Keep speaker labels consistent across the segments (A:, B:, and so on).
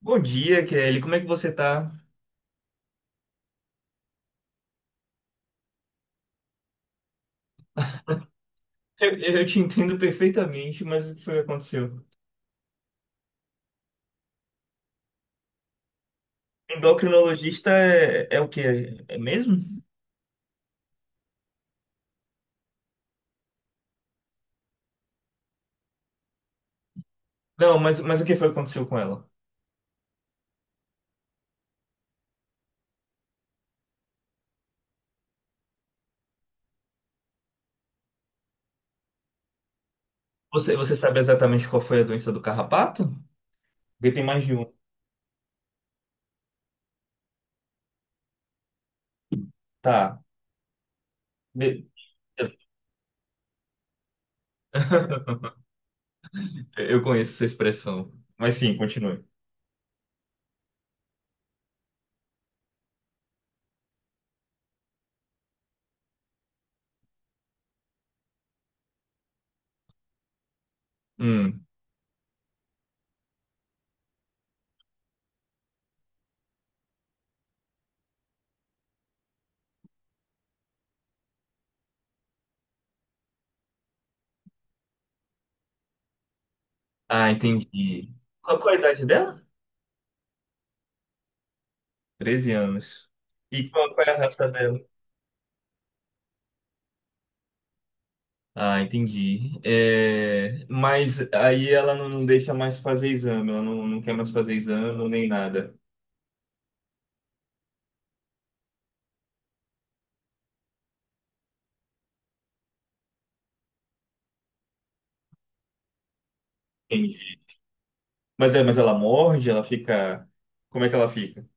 A: Bom dia, Kelly. Como é que você tá? Eu te entendo perfeitamente, mas o que foi que aconteceu? Endocrinologista é, é o quê? É mesmo? Não, mas o que foi que aconteceu com ela? Você sabe exatamente qual foi a doença do carrapato? Porque tem mais de um. Tá. Be- Eu conheço essa expressão. Mas sim, continue. Hum. Ah, entendi. Qual a idade dela? 13 anos. E qual é a raça dela? Ah, entendi. É, mas aí ela não deixa mais fazer exame, ela não quer mais fazer exame nem nada. Entendi. Mas é, mas ela morde, ela fica. Como é que ela fica?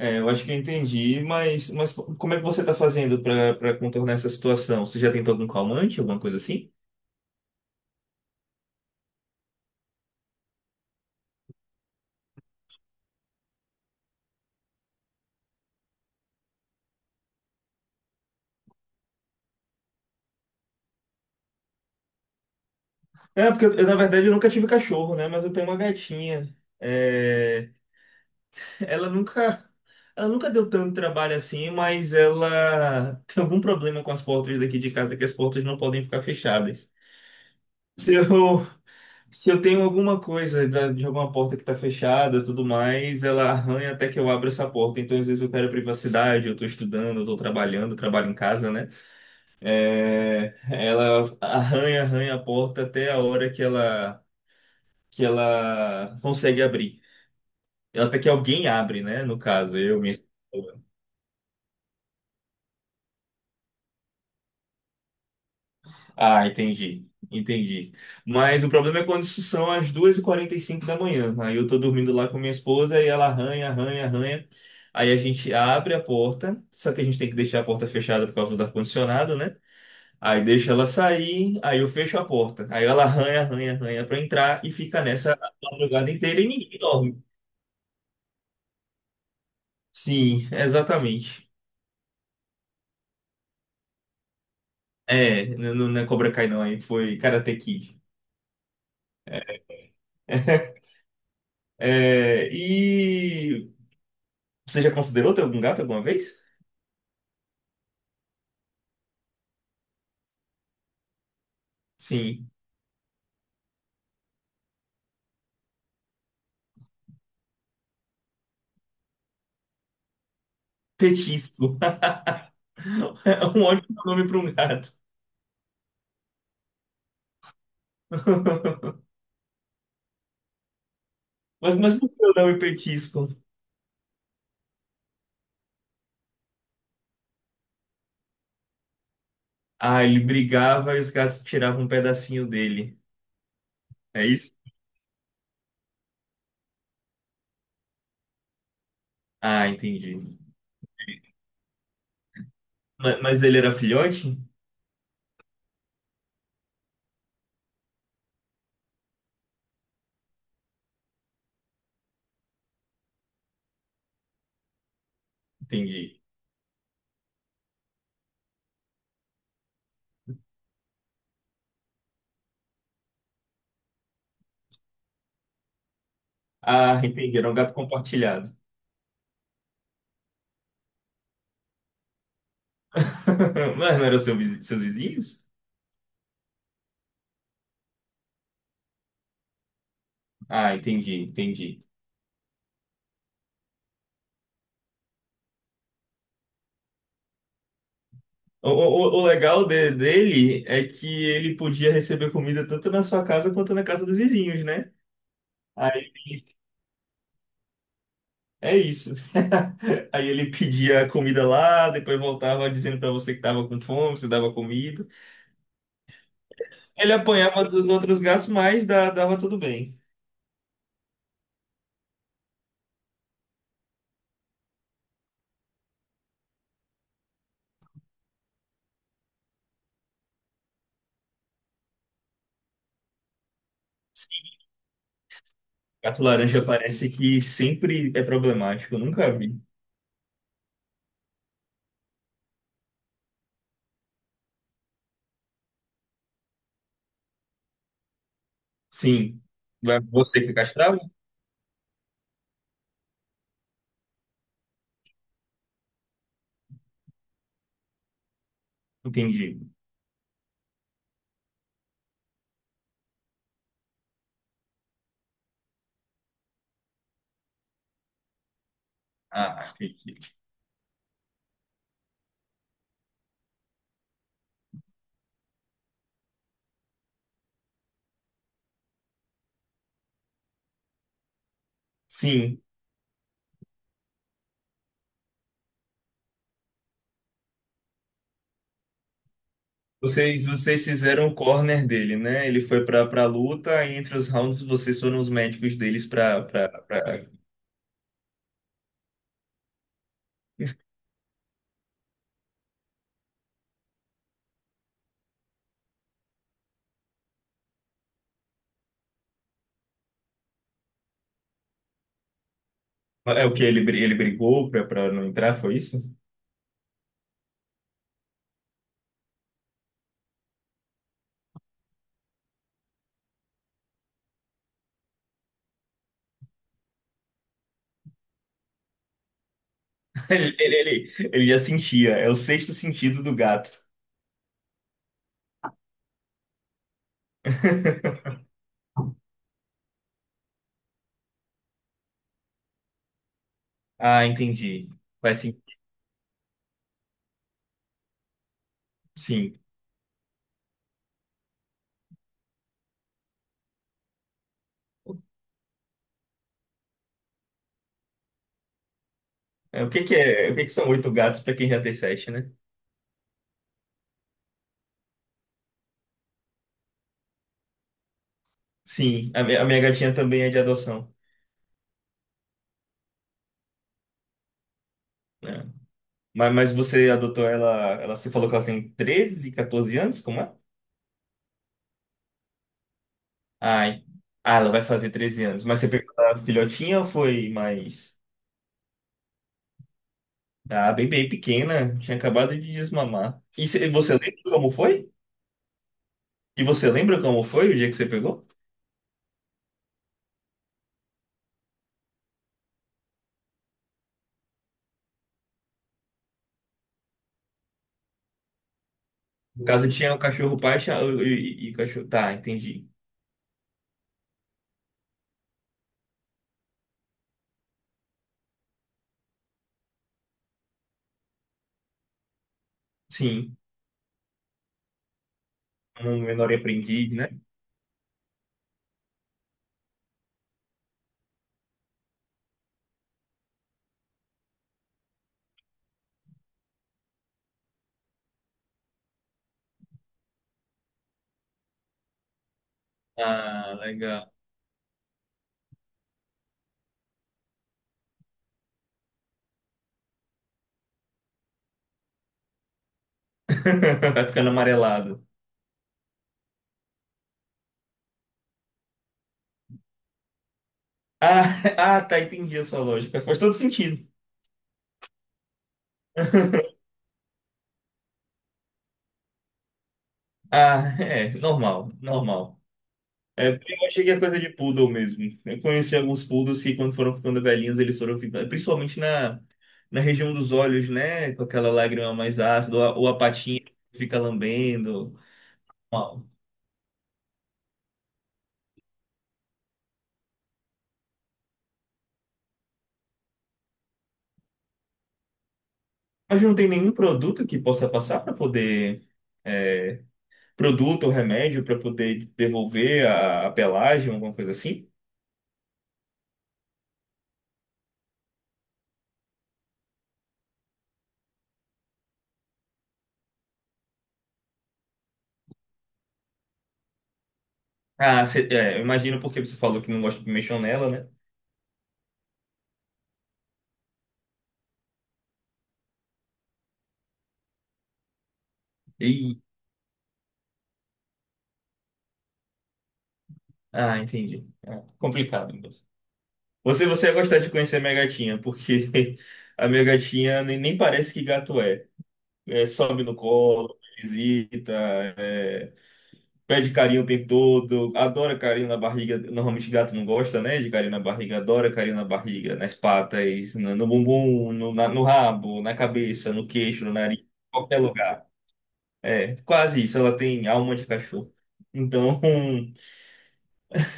A: É, eu acho que eu entendi, mas como é que você está fazendo para contornar essa situação? Você já tentou algum calmante, alguma coisa assim? É, porque eu, na verdade eu nunca tive cachorro, né? Mas eu tenho uma gatinha. É, Ela nunca, ela nunca deu tanto trabalho assim, mas ela tem algum problema com as portas daqui de casa, que as portas não podem ficar fechadas. Se eu, se eu tenho alguma coisa de alguma porta que está fechada, tudo mais, ela arranha até que eu abra essa porta. Então, às vezes eu quero privacidade, eu estou estudando, eu estou trabalhando, trabalho em casa, né? É, ela arranha, arranha a porta até a hora que ela consegue abrir. Até que alguém abre, né? No caso, eu, minha esposa. Ah, entendi. Entendi. Mas o problema é quando isso são as 2:45 da manhã. Aí eu tô dormindo lá com minha esposa e ela arranha, arranha, arranha. Aí a gente abre a porta, só que a gente tem que deixar a porta fechada por causa do ar-condicionado, né? Aí deixa ela sair, aí eu fecho a porta. Aí ela arranha, arranha, arranha pra entrar e fica nessa a madrugada inteira e ninguém dorme. Sim, exatamente. É, não é Cobra Kai não, aí foi Karate Kid. É, e você já considerou ter algum gato alguma vez? Sim. Petisco. É um ótimo nome para um gato. Mas por que o nome Petisco? Ah, ele brigava e os gatos tiravam um pedacinho dele. É isso? Ah, entendi. Mas, ele era filhote? Entendi. Ah, entendi. Era um gato compartilhado. Mas não eram seus vizinhos? Ah, entendi, entendi. O legal dele é que ele podia receber comida tanto na sua casa quanto na casa dos vizinhos, né? Aí é isso. Aí ele pedia comida lá, depois voltava dizendo pra você que tava com fome, você dava comida. Ele apanhava dos outros gatos, mas dava tudo bem. Sim, gato laranja parece que sempre é problemático, eu nunca vi. Sim. Você que castrava? Entendi. Ah, entendi. Sim. Vocês fizeram o corner dele, né? Ele foi pra para luta, e entre os rounds vocês foram os médicos deles pra É o que ele, ele brigou pra não entrar, foi isso? Ele já sentia, é o sexto sentido do gato. Ah, entendi. Faz sim, sim. É, o que que é, o que que são oito gatos pra quem já tem sete, né? Sim, a minha gatinha também é de adoção, né? Mas você adotou você falou que ela tem 13, 14 anos, como é? Ai. Ah, ela vai fazer 13 anos. Mas você pegou a filhotinha ou foi mais. Ah, bem, bem pequena. Tinha acabado de desmamar. E você lembra como foi? E você lembra como foi o dia que você pegou? No caso, tinha o cachorro pai e o cachorro. Tá, entendi. Sim. Um menor aprendiz, né? Ah, legal. Vai ficando amarelado. Ah, ah, tá, entendi a sua lógica. Faz todo sentido. Ah, é, normal, normal. É, eu achei que é coisa de poodle mesmo. Eu conheci alguns poodles que, quando foram ficando velhinhos, eles foram ficando. Principalmente na região dos olhos, né? Com aquela lágrima mais ácida, ou ou a patinha que fica lambendo. Uau. Mas não tem nenhum produto que possa passar para poder. É, produto ou remédio para poder devolver a pelagem, alguma coisa assim? Ah, cê, é, eu imagino porque você falou que não gosta de mexer nela, né? E, ah, entendi. Complicado, meu. Você ia gostar de conhecer a minha gatinha, porque a minha gatinha nem parece que gato é. É, sobe no colo, visita, pede carinho o tempo todo, adora carinho na barriga. Normalmente gato não gosta, né, de carinho na barriga, adora carinho na barriga, nas patas, no bumbum, no rabo, na cabeça, no queixo, no nariz, em qualquer lugar. É, quase isso, ela tem alma de cachorro. Então,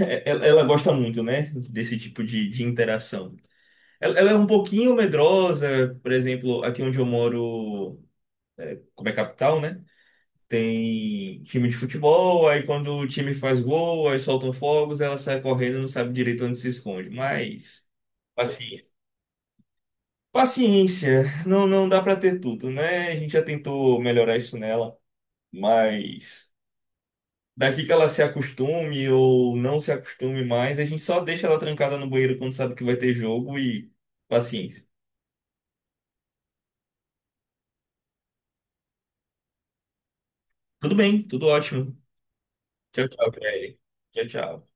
A: ela gosta muito, né, desse tipo de interação. Ela é um pouquinho medrosa, por exemplo, aqui onde eu moro, é, como é capital, né? Tem time de futebol, aí quando o time faz gol, aí soltam fogos, ela sai correndo, e não sabe direito onde se esconde. Mas, paciência. Paciência, não, não dá pra ter tudo, né? A gente já tentou melhorar isso nela, mas daqui que ela se acostume ou não se acostume mais, a gente só deixa ela trancada no banheiro quando sabe que vai ter jogo e paciência. Tudo bem, tudo ótimo. Tchau, tchau, Kelly. Tchau, tchau.